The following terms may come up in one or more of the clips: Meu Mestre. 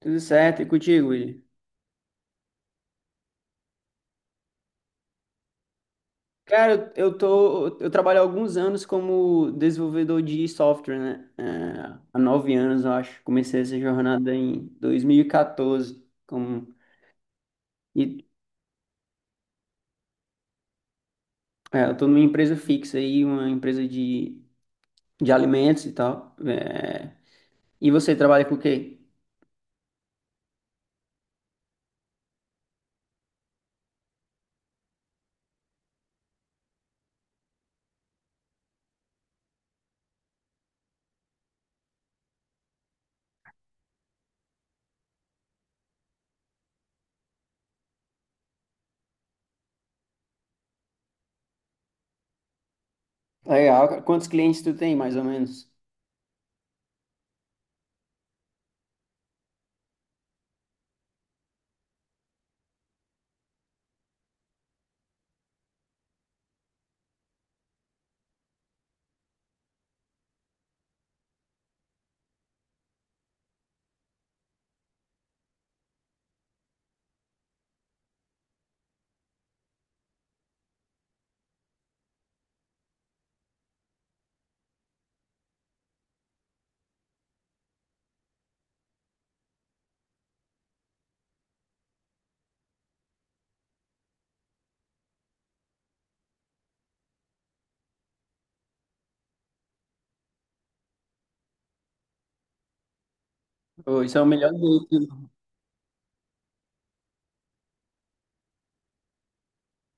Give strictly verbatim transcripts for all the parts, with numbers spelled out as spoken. Tudo certo, e contigo, Willi? Cara, eu tô, eu trabalho há alguns anos como desenvolvedor de software, né? É, há nove anos, eu acho. Comecei essa jornada em dois mil e quatorze. Como, e, é, eu tô numa empresa fixa aí, uma empresa de, de alimentos e tal. É, e você trabalha com o quê? Legal, cara. Quantos clientes tu tem, mais ou menos? Ô, isso é o melhor jeito.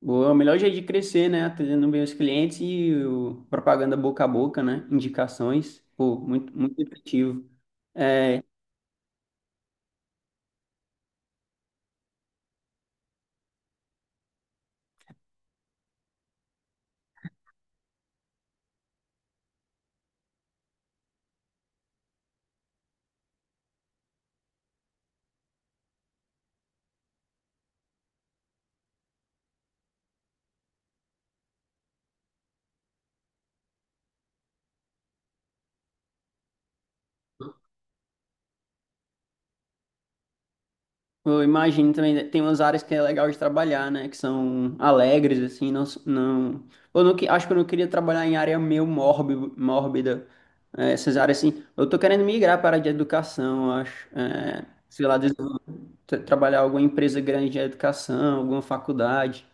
Boa, é o melhor jeito de crescer, né? Atendendo bem os clientes e o- propaganda boca a boca, né? Indicações. Pô, muito, muito efetivo. É, eu imagino também, né, tem umas áreas que é legal de trabalhar, né? Que são alegres, assim, não... s- não... eu não, que- acho que eu não queria trabalhar em área meio mórbido, mórbida. É, essas áreas, assim. Eu tô querendo migrar para a área de educação, eu acho. É, sei lá, desenvol- tra- trabalhar em alguma empresa grande de educação, alguma faculdade.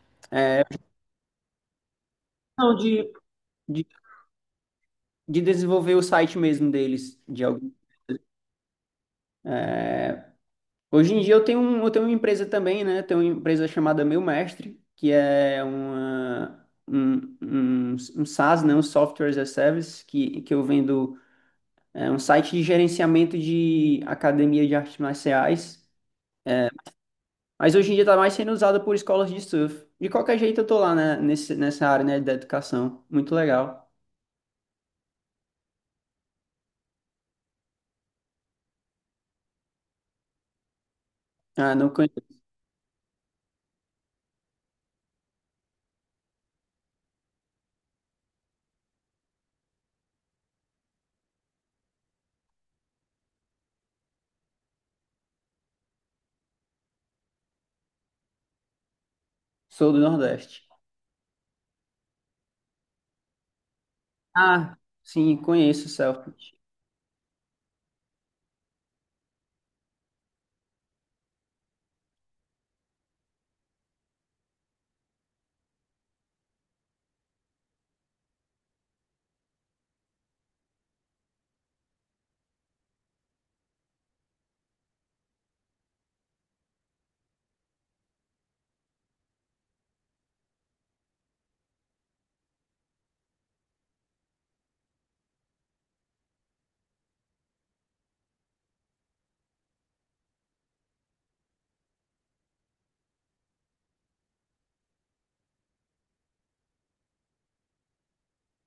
Não, de. De desenvolver o site mesmo deles. De algum. Hoje em dia eu tenho, um- eu tenho uma empresa também, né? Eu tenho uma empresa chamada Meu Mestre, que é uma, um, um, um SaaS, né? Um Software as a Service, que, que eu vendo é, um site de gerenciamento de academia de artes marciais. Mas hoje em dia está mais sendo usado por escolas de surf. De qualquer jeito eu tô lá, né? Nesse, nessa área, né? Da educação. Muito legal. Ah, não conheço. Sou do Nordeste. Ah, sim, conheço o céu.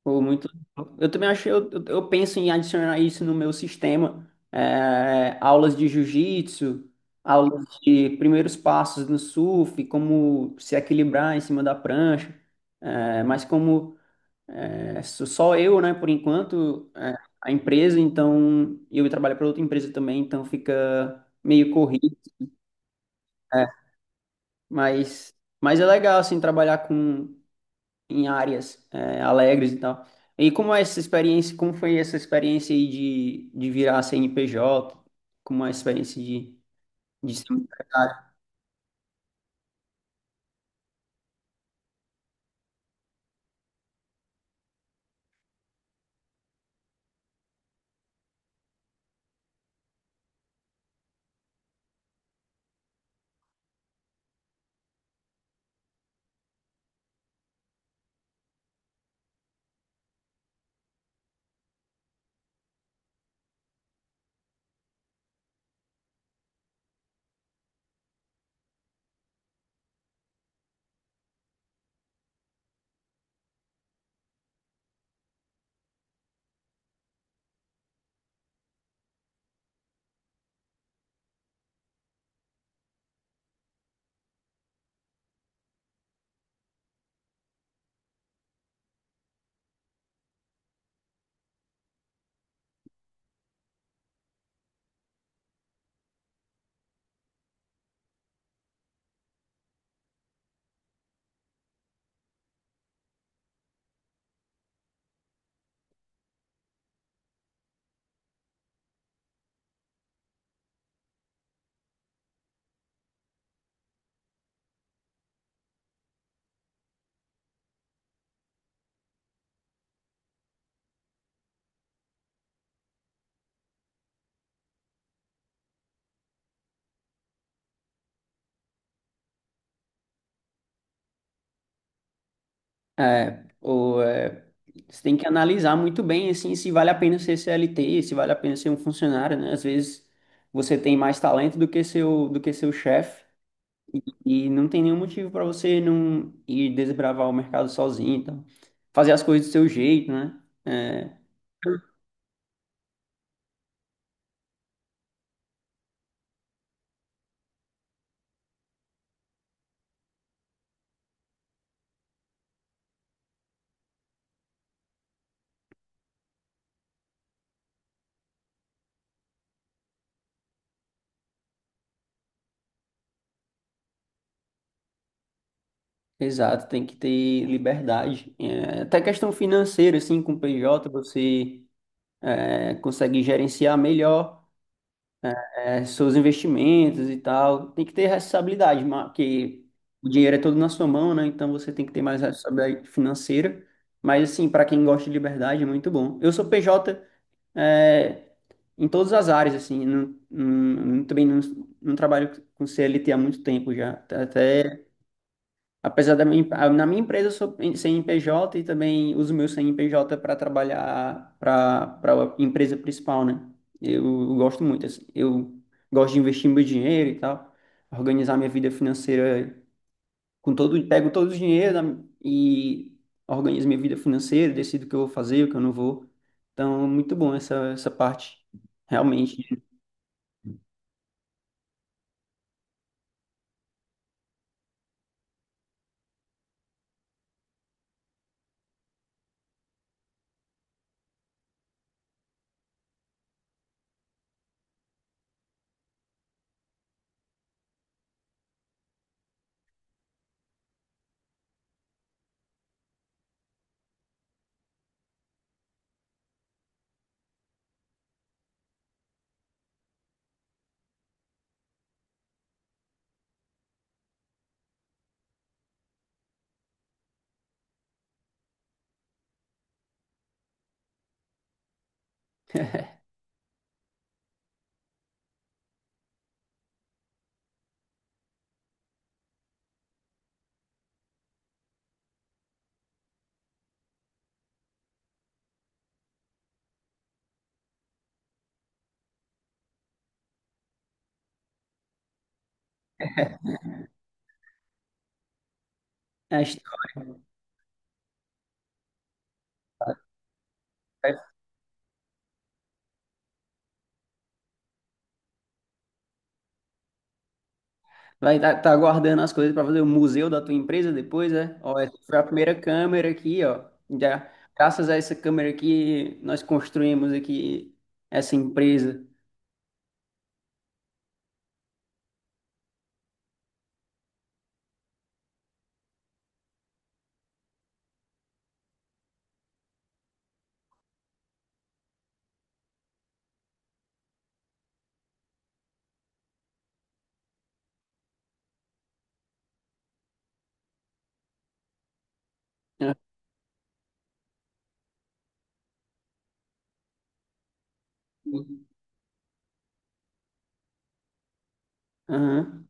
Pô, muito. Eu também acho, eu, eu eu penso em adicionar isso no meu sistema. É, aulas de jiu-jitsu, aulas de primeiros passos no surf, como se equilibrar em cima da prancha. É, mas como é, sou só eu, né, por enquanto, é, a empresa, então eu trabalho para outra empresa também, então fica meio corrido. Né. Mas, mas é legal assim trabalhar com em áreas é, alegres e tal. E como é essa experiência, como foi essa experiência aí de, de virar C N P J, como é a experiência de, de ser um empresário? É, ou, é, você tem que analisar muito bem, assim, se vale a pena ser C L T, se vale a pena ser um funcionário, né? Às vezes você tem mais talento do que seu, do que seu chefe e, e não tem nenhum motivo para você não ir desbravar o mercado sozinho, então fazer as coisas do seu jeito, né? É, exato, tem que ter liberdade. É, até questão financeira, assim, com o P J, você é, consegue gerenciar melhor é, seus investimentos e tal. Tem que ter responsabilidade, ma- porque o dinheiro é todo na sua mão, né? Então você tem que ter mais responsabilidade financeira. Mas, assim, para quem gosta de liberdade, é muito bom. Eu sou P J é, em todas as áreas, assim. Não, não- não- também Não, não trabalho com C L T há muito tempo já. Até apesar da minha, a- na minha empresa eu sou em- sem P J e também uso meu sem P J para trabalhar para para a empresa principal, né? Eu gosto muito, assim, eu gosto de investir meu dinheiro e tal, organizar minha vida financeira com todo, pego todo o dinheiro da, e organizo minha vida financeira, decido o que eu vou fazer, o que eu não vou. Então, muito bom essa essa parte, realmente. É a história. Vai estar tá, tá guardando as coisas para fazer o museu da tua empresa depois, é? Ó, essa foi a primeira câmera aqui, ó. Já, graças a essa câmera aqui, nós construímos aqui essa empresa. Aham.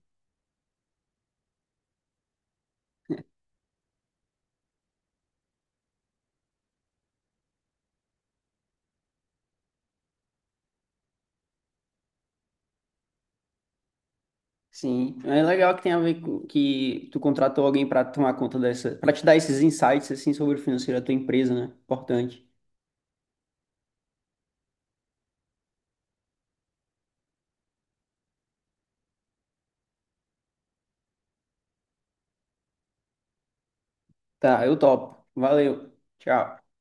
Sim, é legal que tem a ver com que tu contratou alguém para tomar conta dessa, para te dar esses insights assim sobre o financeiro da tua empresa, né? Importante. Tá, eu topo. Valeu. Tchau.